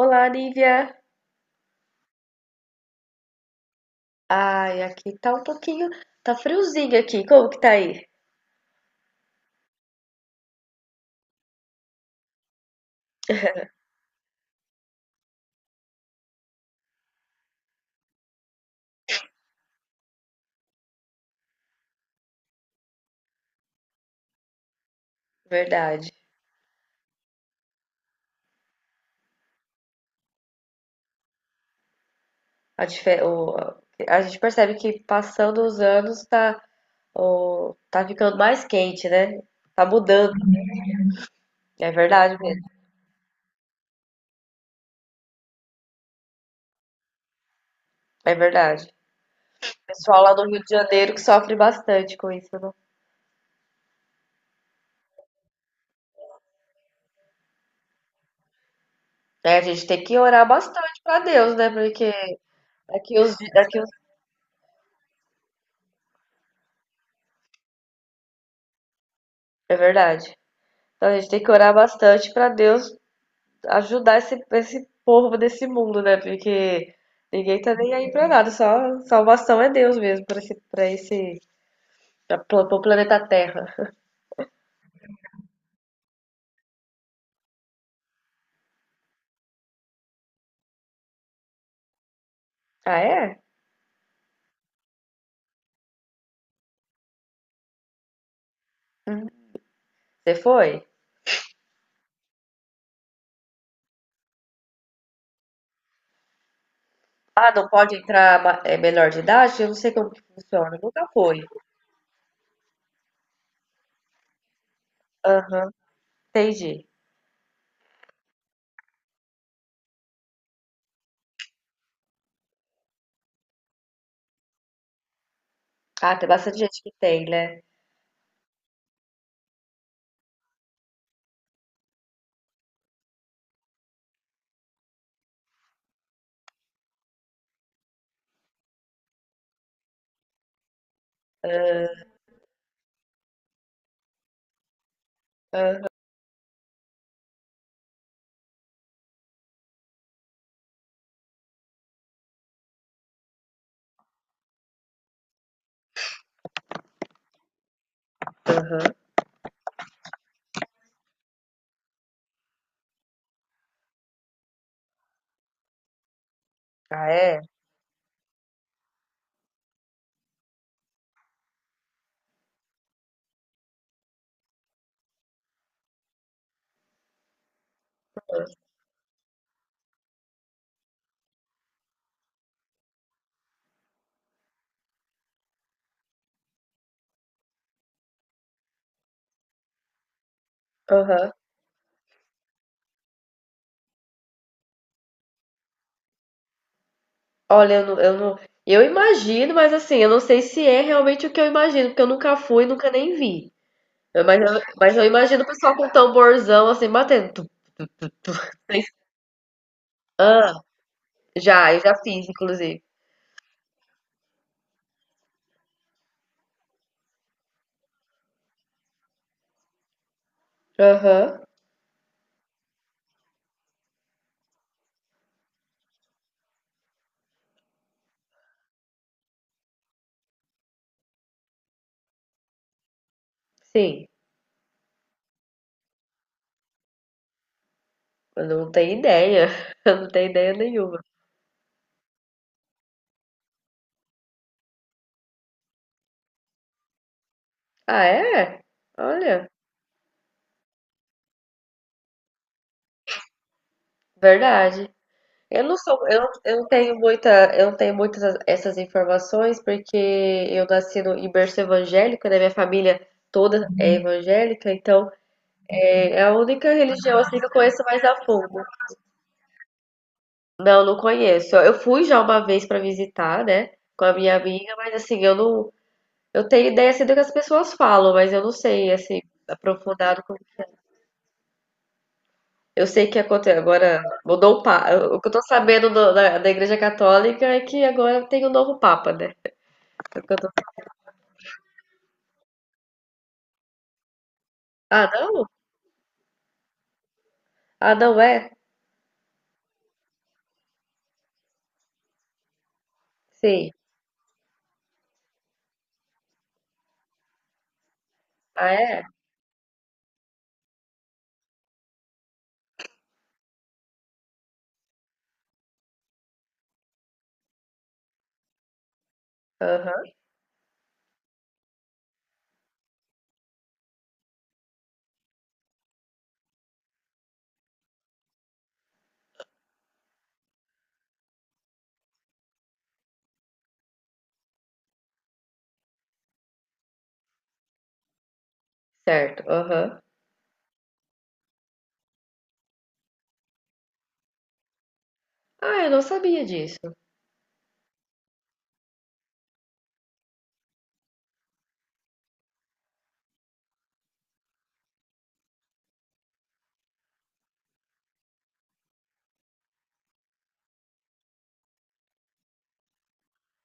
Olá, Nívia. Ai, aqui tá um pouquinho, tá friozinho aqui. Como que tá aí? Verdade. A, dife- o- a gente percebe que passando os anos tá ficando mais quente, né? Tá mudando. É verdade mesmo. É verdade. Pessoal lá do Rio de Janeiro que sofre bastante com isso, né? É, a gente tem que orar bastante pra Deus, né? Porque daqui os, di- daqui os... É verdade. Então a gente tem que orar bastante pra Deus ajudar esse povo desse mundo, né? Porque ninguém tá nem aí pra nada, só salvação é Deus mesmo pra esse, pra esse, pra, pla- pro planeta Terra. Ah, é? Você foi? Ah, não pode entrar, menor de idade? Eu não sei como que funciona, nunca foi. Aham, entendi. Ah, tem bastante gente que tem, né? Ah. Aham. Ah, é? Aham. Olha, eu não, eu não. Eu imagino, mas assim, eu não sei se é realmente o que eu imagino, porque eu nunca fui, nunca nem vi. Eu- Mas eu, mas eu imagino o pessoal com tamborzão assim batendo. Tu, tu, tu, tu. Ah, já, eu já fiz, inclusive. Aham, sim. Eu não tenho ideia. Eu não tenho ideia nenhuma. Ah, é? Olha, verdade. Eu não tenho muita, eu não tenho muitas essas informações porque eu nasci no em berço evangélico, né? Minha família toda é evangélica, então é a única religião assim que eu conheço mais a fundo. Não, não conheço. Eu fui já uma vez para visitar, né, com a minha amiga, mas assim, eu não, eu tenho ideia assim do que as pessoas falam, mas eu não sei assim aprofundado. Eu sei que aconteceu agora mudou o papa. O que eu tô sabendo da Igreja Católica é que agora tem um novo papa, né? É o que eu tô- Ah, não? Ah, não é? Sim. Ah, é? Aham. Certo. Aham. Ah, eu não sabia disso.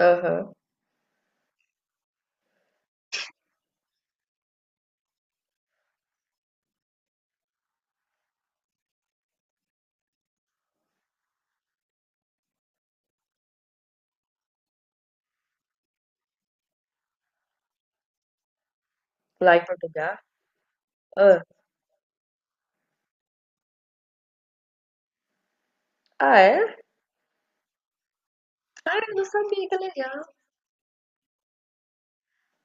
Aham. Lá em Portugal. Ah. Ah, é? Ah, eu não sabia, que legal.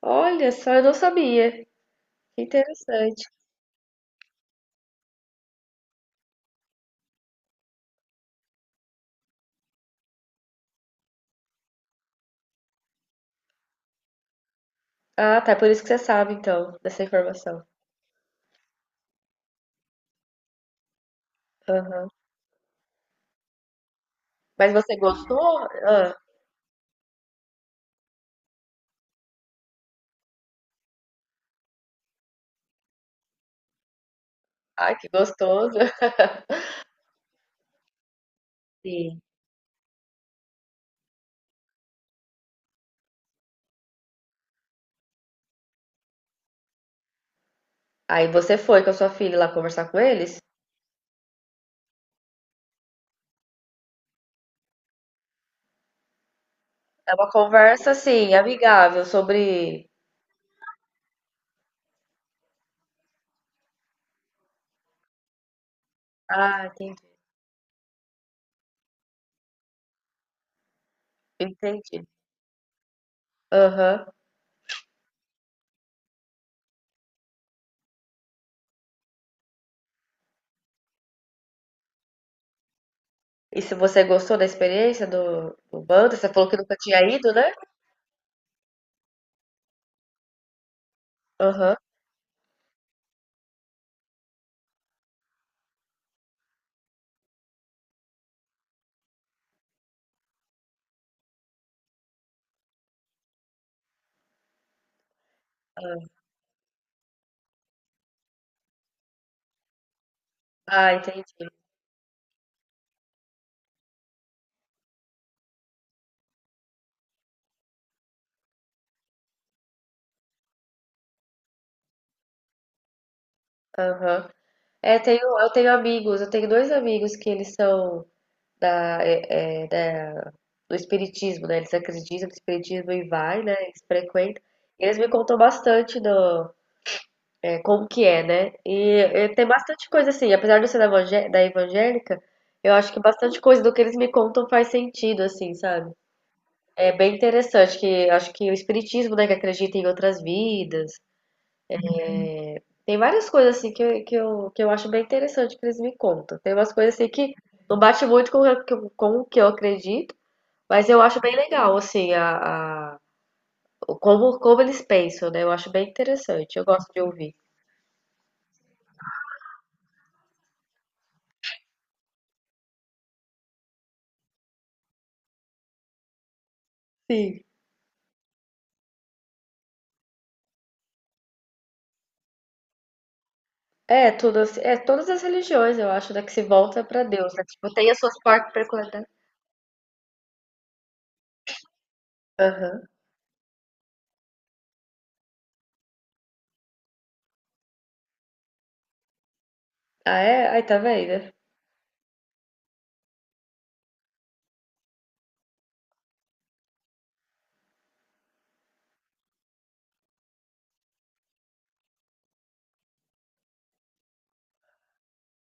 Olha só, eu não sabia. Que interessante. Ah, tá. É por isso que você sabe, então, dessa informação. Aham. Mas você gostou? Ah, ai, que gostoso. Sim. Aí você foi com a sua filha lá conversar com eles? É uma conversa, assim, amigável sobre. Ah, entendi. Entendi. Aham. E se você gostou da experiência do, do bando, você falou que nunca tinha ido, né? Aham. Ah, entendi. Aham. É, tenho, eu tenho amigos, eu tenho dois amigos que eles são da do espiritismo, né? Eles acreditam no espiritismo e vai, né? Eles frequentam. Eles me contam bastante do, é, como que é, né? E tem bastante coisa assim, apesar de eu ser da evangélica, eu acho que bastante coisa do que eles me contam faz sentido, assim, sabe? É bem interessante que acho que o espiritismo, né, que acredita em outras vidas. Tem várias coisas assim que eu acho bem interessante que eles me contam. Tem umas coisas assim que não bate muito com, com o que eu acredito, mas eu acho bem legal, assim, como, como eles pensam, né? Eu acho bem interessante, eu gosto de ouvir. Sim. É, tudo, assim- é todas as religiões, eu acho, né, que se volta pra Deus, né? Tipo, tem as suas partes peculiares. Aham. Ah, é? Ai, tá vendo?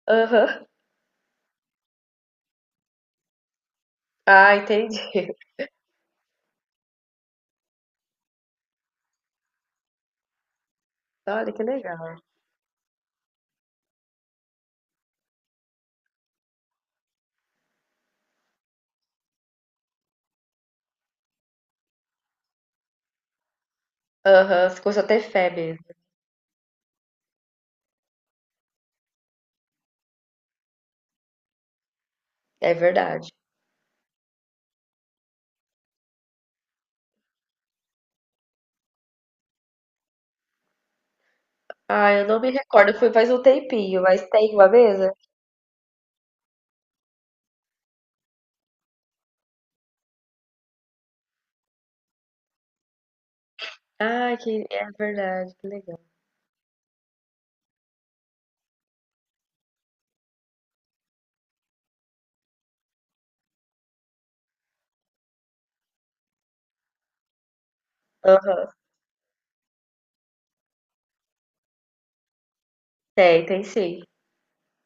Aham. Ah, entendi. Olha que legal. Aham, você começou a ter fé mesmo. É verdade. Ah, eu não me recordo, foi faz um tempinho, mas tem uma mesa? Ah, que é verdade. Aham. Tem, tem sim.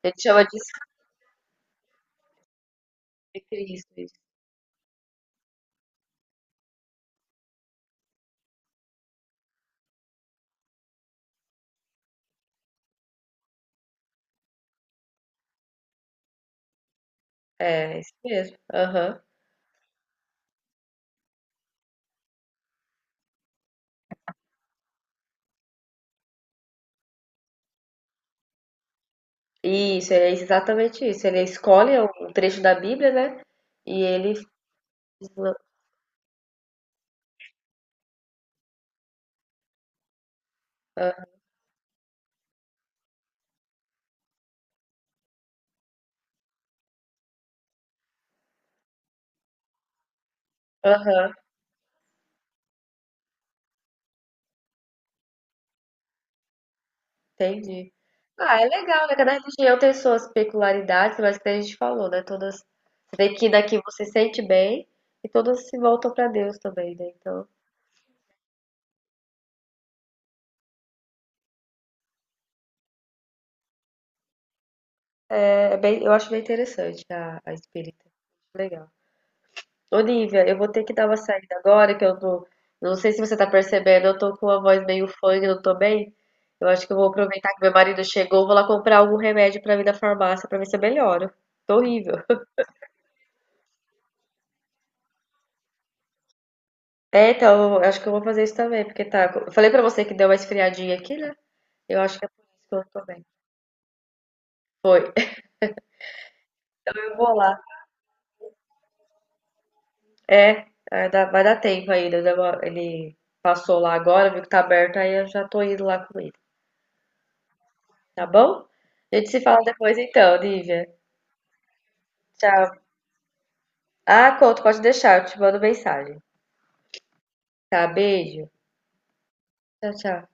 A gente chama de Cristo. Isso. É, isso mesmo. Aham. Isso, é exatamente isso. Ele escolhe um trecho da Bíblia, né? E ele. Ah. Aham, entendi. Ah, é legal, né? Cada religião tem suas peculiaridades, mas que a gente falou, né? Todas. Você vê que daqui você sente bem e todas se voltam para Deus também, né? Então, é é bem, eu acho bem interessante a espírita. Legal. Olivia, eu vou ter que dar uma saída agora, que eu tô. Não sei se você tá percebendo, eu tô com a voz meio funk, não tô bem. Eu acho que eu vou aproveitar que meu marido chegou, vou lá comprar algum remédio pra mim na farmácia pra ver se eu melhoro. Tô horrível. É, então, eu acho que eu vou fazer isso também, porque tá. Eu falei pra você que deu uma esfriadinha aqui, né? Eu acho que é por isso que eu não tô bem. Então eu vou lá. Vai dar tempo ainda. Ele passou lá agora, viu que tá aberto, aí eu já tô indo lá com ele. Tá bom? A gente se fala depois então, Lívia. Tchau. Ah, Couto, pode deixar, eu te mando mensagem. Tá, beijo. Tchau, tchau.